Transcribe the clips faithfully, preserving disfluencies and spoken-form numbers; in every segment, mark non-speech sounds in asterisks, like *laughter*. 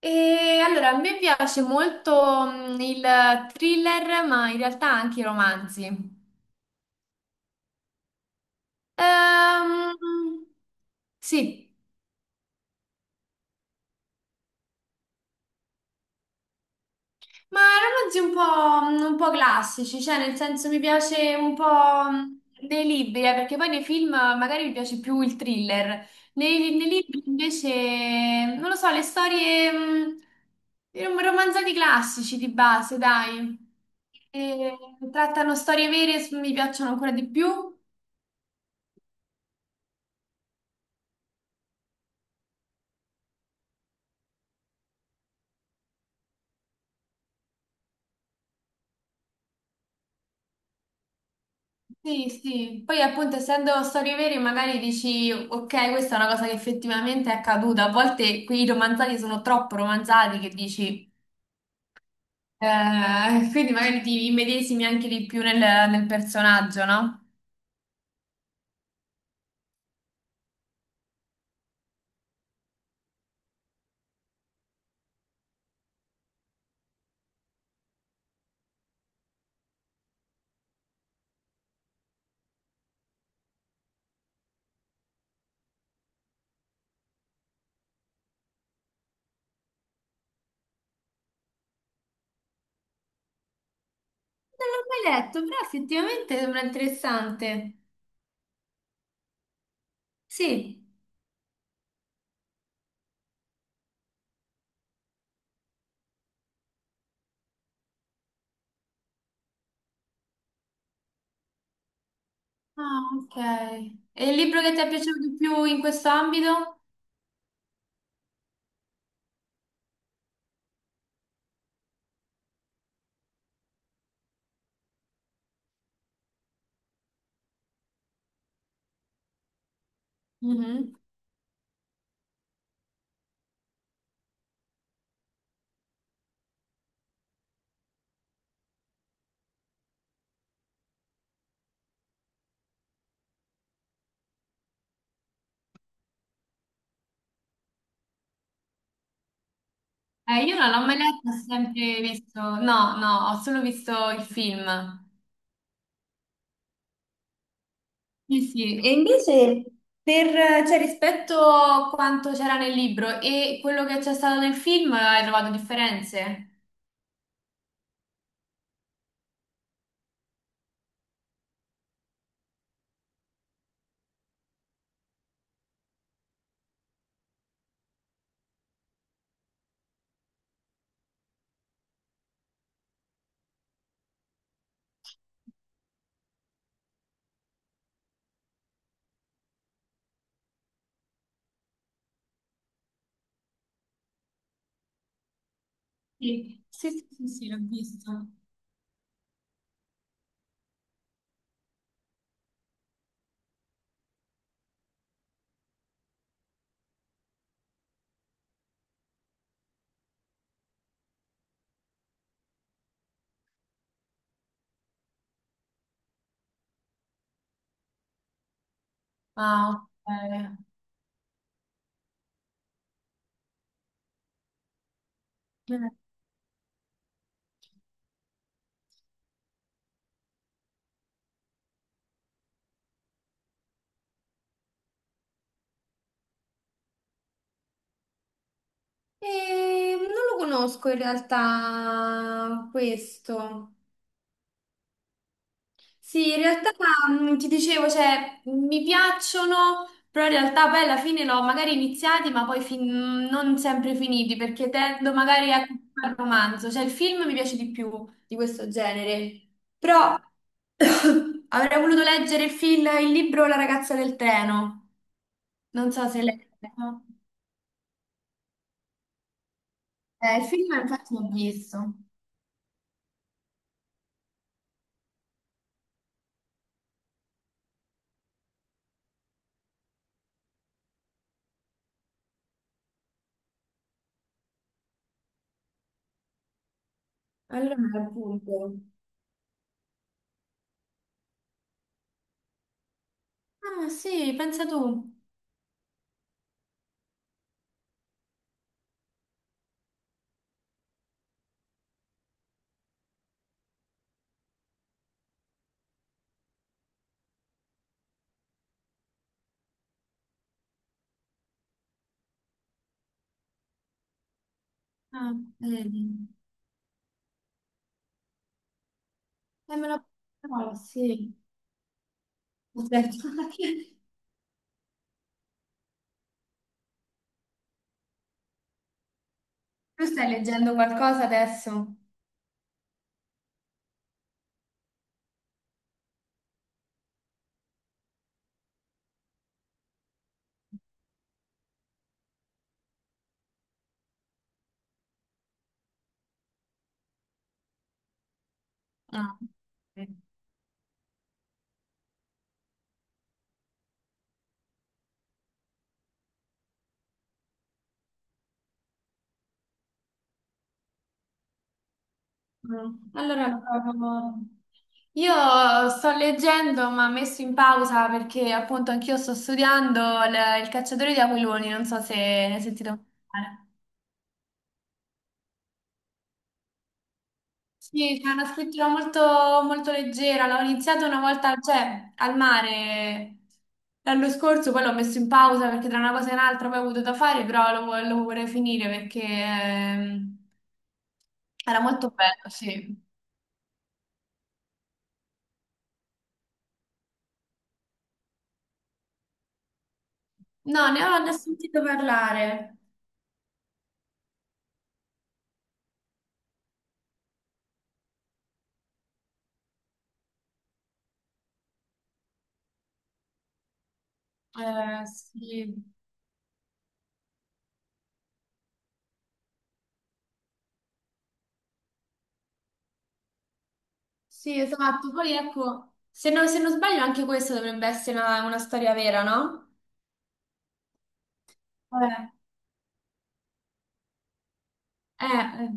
E allora, a me piace molto mm, il thriller, ma in realtà anche i romanzi. Ehm, sì, ma romanzi un po', mm, un po' classici, cioè nel senso mi piace un po' mm, nei libri, eh, perché poi nei film magari mi piace più il thriller. Nei, nei libri invece, non lo so, le storie, mm, i rom- romanzati classici di base, dai. E trattano storie vere, mi piacciono ancora di più. Sì, sì, poi appunto essendo storie vere magari dici ok, questa è una cosa che effettivamente è accaduta, a volte quei romanzati sono troppo romanzati che dici, eh, *laughs* quindi magari ti immedesimi anche di più nel, nel personaggio, no? Non l'ho mai letto, però effettivamente sembra interessante. Sì. Ah, ok. E il libro che ti è piaciuto di più in questo ambito? Mhm. Eh, io non l'ho mai letto, ho sempre visto, no, no, ho solo visto il film. Sì, sì. E invece per, cioè, rispetto a quanto c'era nel libro e quello che c'è stato nel film, hai trovato differenze? Sì, sì, sì, sì, sì, l'ho visto. Ah, ok. Eh, non lo conosco in realtà questo. Sì, in realtà mm, ti dicevo, cioè, mi piacciono, però in realtà poi alla fine l'ho magari iniziati, ma poi fin- non sempre finiti, perché tendo magari a al romanzo, cioè il film mi piace di più di questo genere, però *coughs* avrei voluto leggere il film, il libro La ragazza del treno, non so se l'hai letto. Eh, il film infatti l'ho visto. Allora me lo appunto. Ah sì, pensa tu. Ah, vedi. Eh, me lo... no, sì. Aspetta, *laughs* tu stai leggendo qualcosa adesso? Ah, sì. Mm. Allora, provo- io sto leggendo, ma ho messo in pausa perché appunto anch'io sto studiando il, il cacciatore di aquiloni, non so se ne hai sentito parlare. Sì, c'è una scrittura molto, molto leggera, l'ho iniziata una volta, cioè, al mare l'anno scorso, poi l'ho messo in pausa perché tra una cosa e un'altra poi ho avuto da fare, però lo, vo- lo vorrei finire perché ehm, era molto bello, sì. No, ne ho, ne ho sentito parlare. Eh, sì. Sì, esatto. Poi ecco, se non, se non sbaglio anche questa dovrebbe essere una, una storia vera, no? Eh, eh. Eh.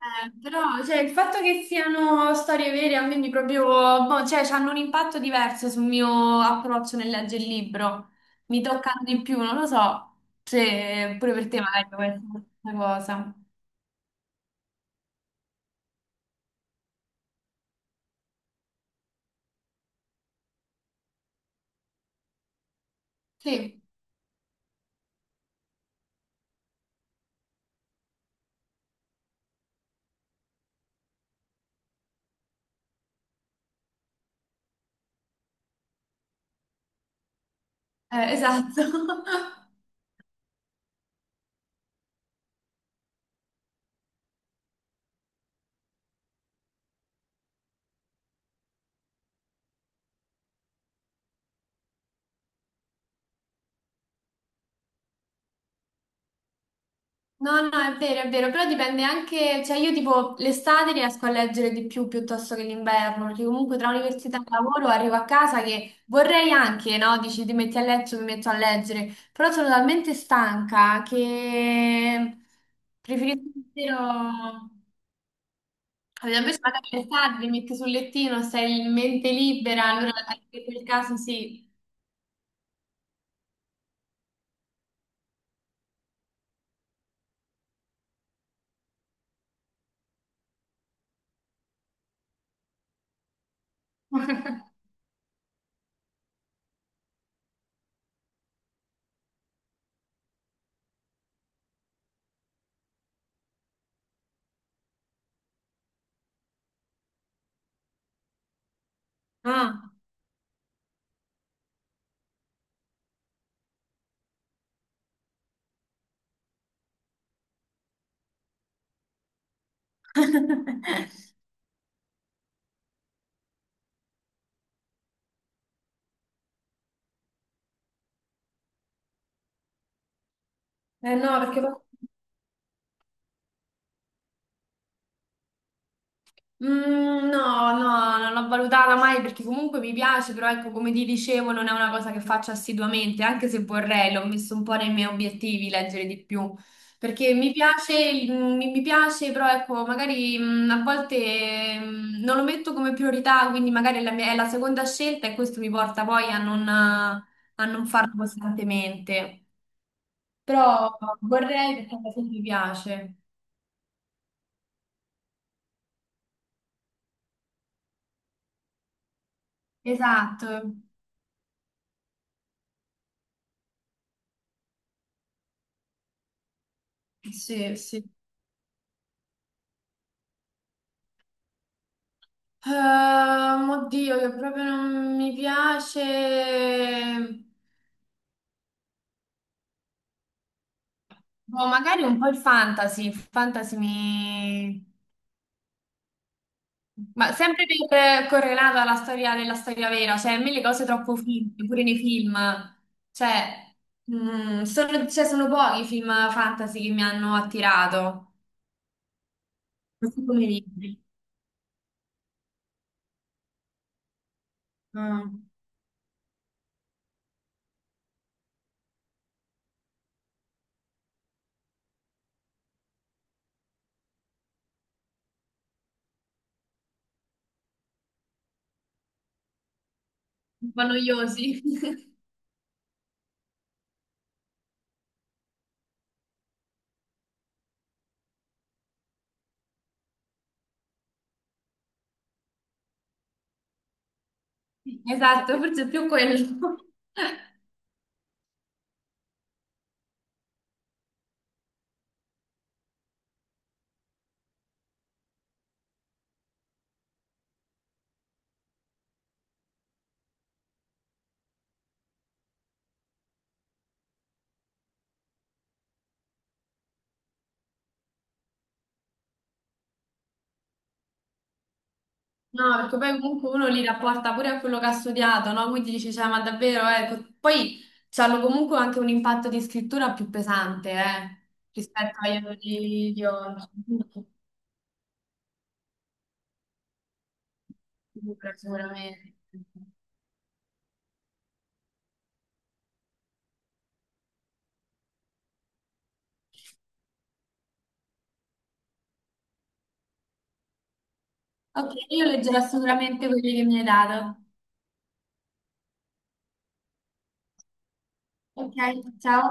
Eh, però cioè, il fatto che siano storie vere, quindi proprio, boh, cioè, hanno un impatto diverso sul mio approccio nel leggere il libro. Mi toccano di più, non lo so se pure per te magari può essere una cosa. Sì, eh, esatto. *laughs* No, no, è vero, è vero, però dipende anche, cioè io tipo l'estate riesco a leggere di più piuttosto che l'inverno, perché comunque tra università e lavoro arrivo a casa che vorrei anche, no? Dici ti metti a letto, mi metto a leggere, però sono talmente stanca che preferisco davvero... Allora, invece magari l'estate ti metti sul lettino, sei in mente libera, allora anche in quel caso sì. *laughs* Ah. *laughs* Eh no, perché poi mm, no, no, non l'ho valutata mai perché comunque mi piace, però ecco, come ti dicevo, non è una cosa che faccio assiduamente, anche se vorrei, l'ho messo un po' nei miei obiettivi leggere di più, perché mi piace, il- mi, mi piace, però ecco, magari mm, a volte mm, non lo metto come priorità, quindi magari è la mia- è la seconda scelta e questo mi porta poi a non, a non farlo costantemente, però vorrei perché alla fine mi piace. Esatto, sì, sì. Ehm, oddio, che proprio non mi piace. Boh, magari un po' il fantasy. Il fantasy mi. Ma sempre per- correlato alla storia della storia vera, cioè a me le cose troppo finte, pure nei film. Cioè, mm, sono, cioè, sono pochi i film fantasy che mi hanno attirato, così come i libri. Mm. Un po' noiosi. *laughs* Esatto, forse è più quello. *laughs* No, perché poi comunque uno li rapporta pure a quello che ha studiato, no? Quindi dice, cioè, ma davvero, ecco. Poi hanno comunque anche un impatto di scrittura più pesante, eh, rispetto agli autori di oggi. Sicura- Sicuramente. Ok, io leggerò sicuramente quelli che mi hai dato. Ok, ciao.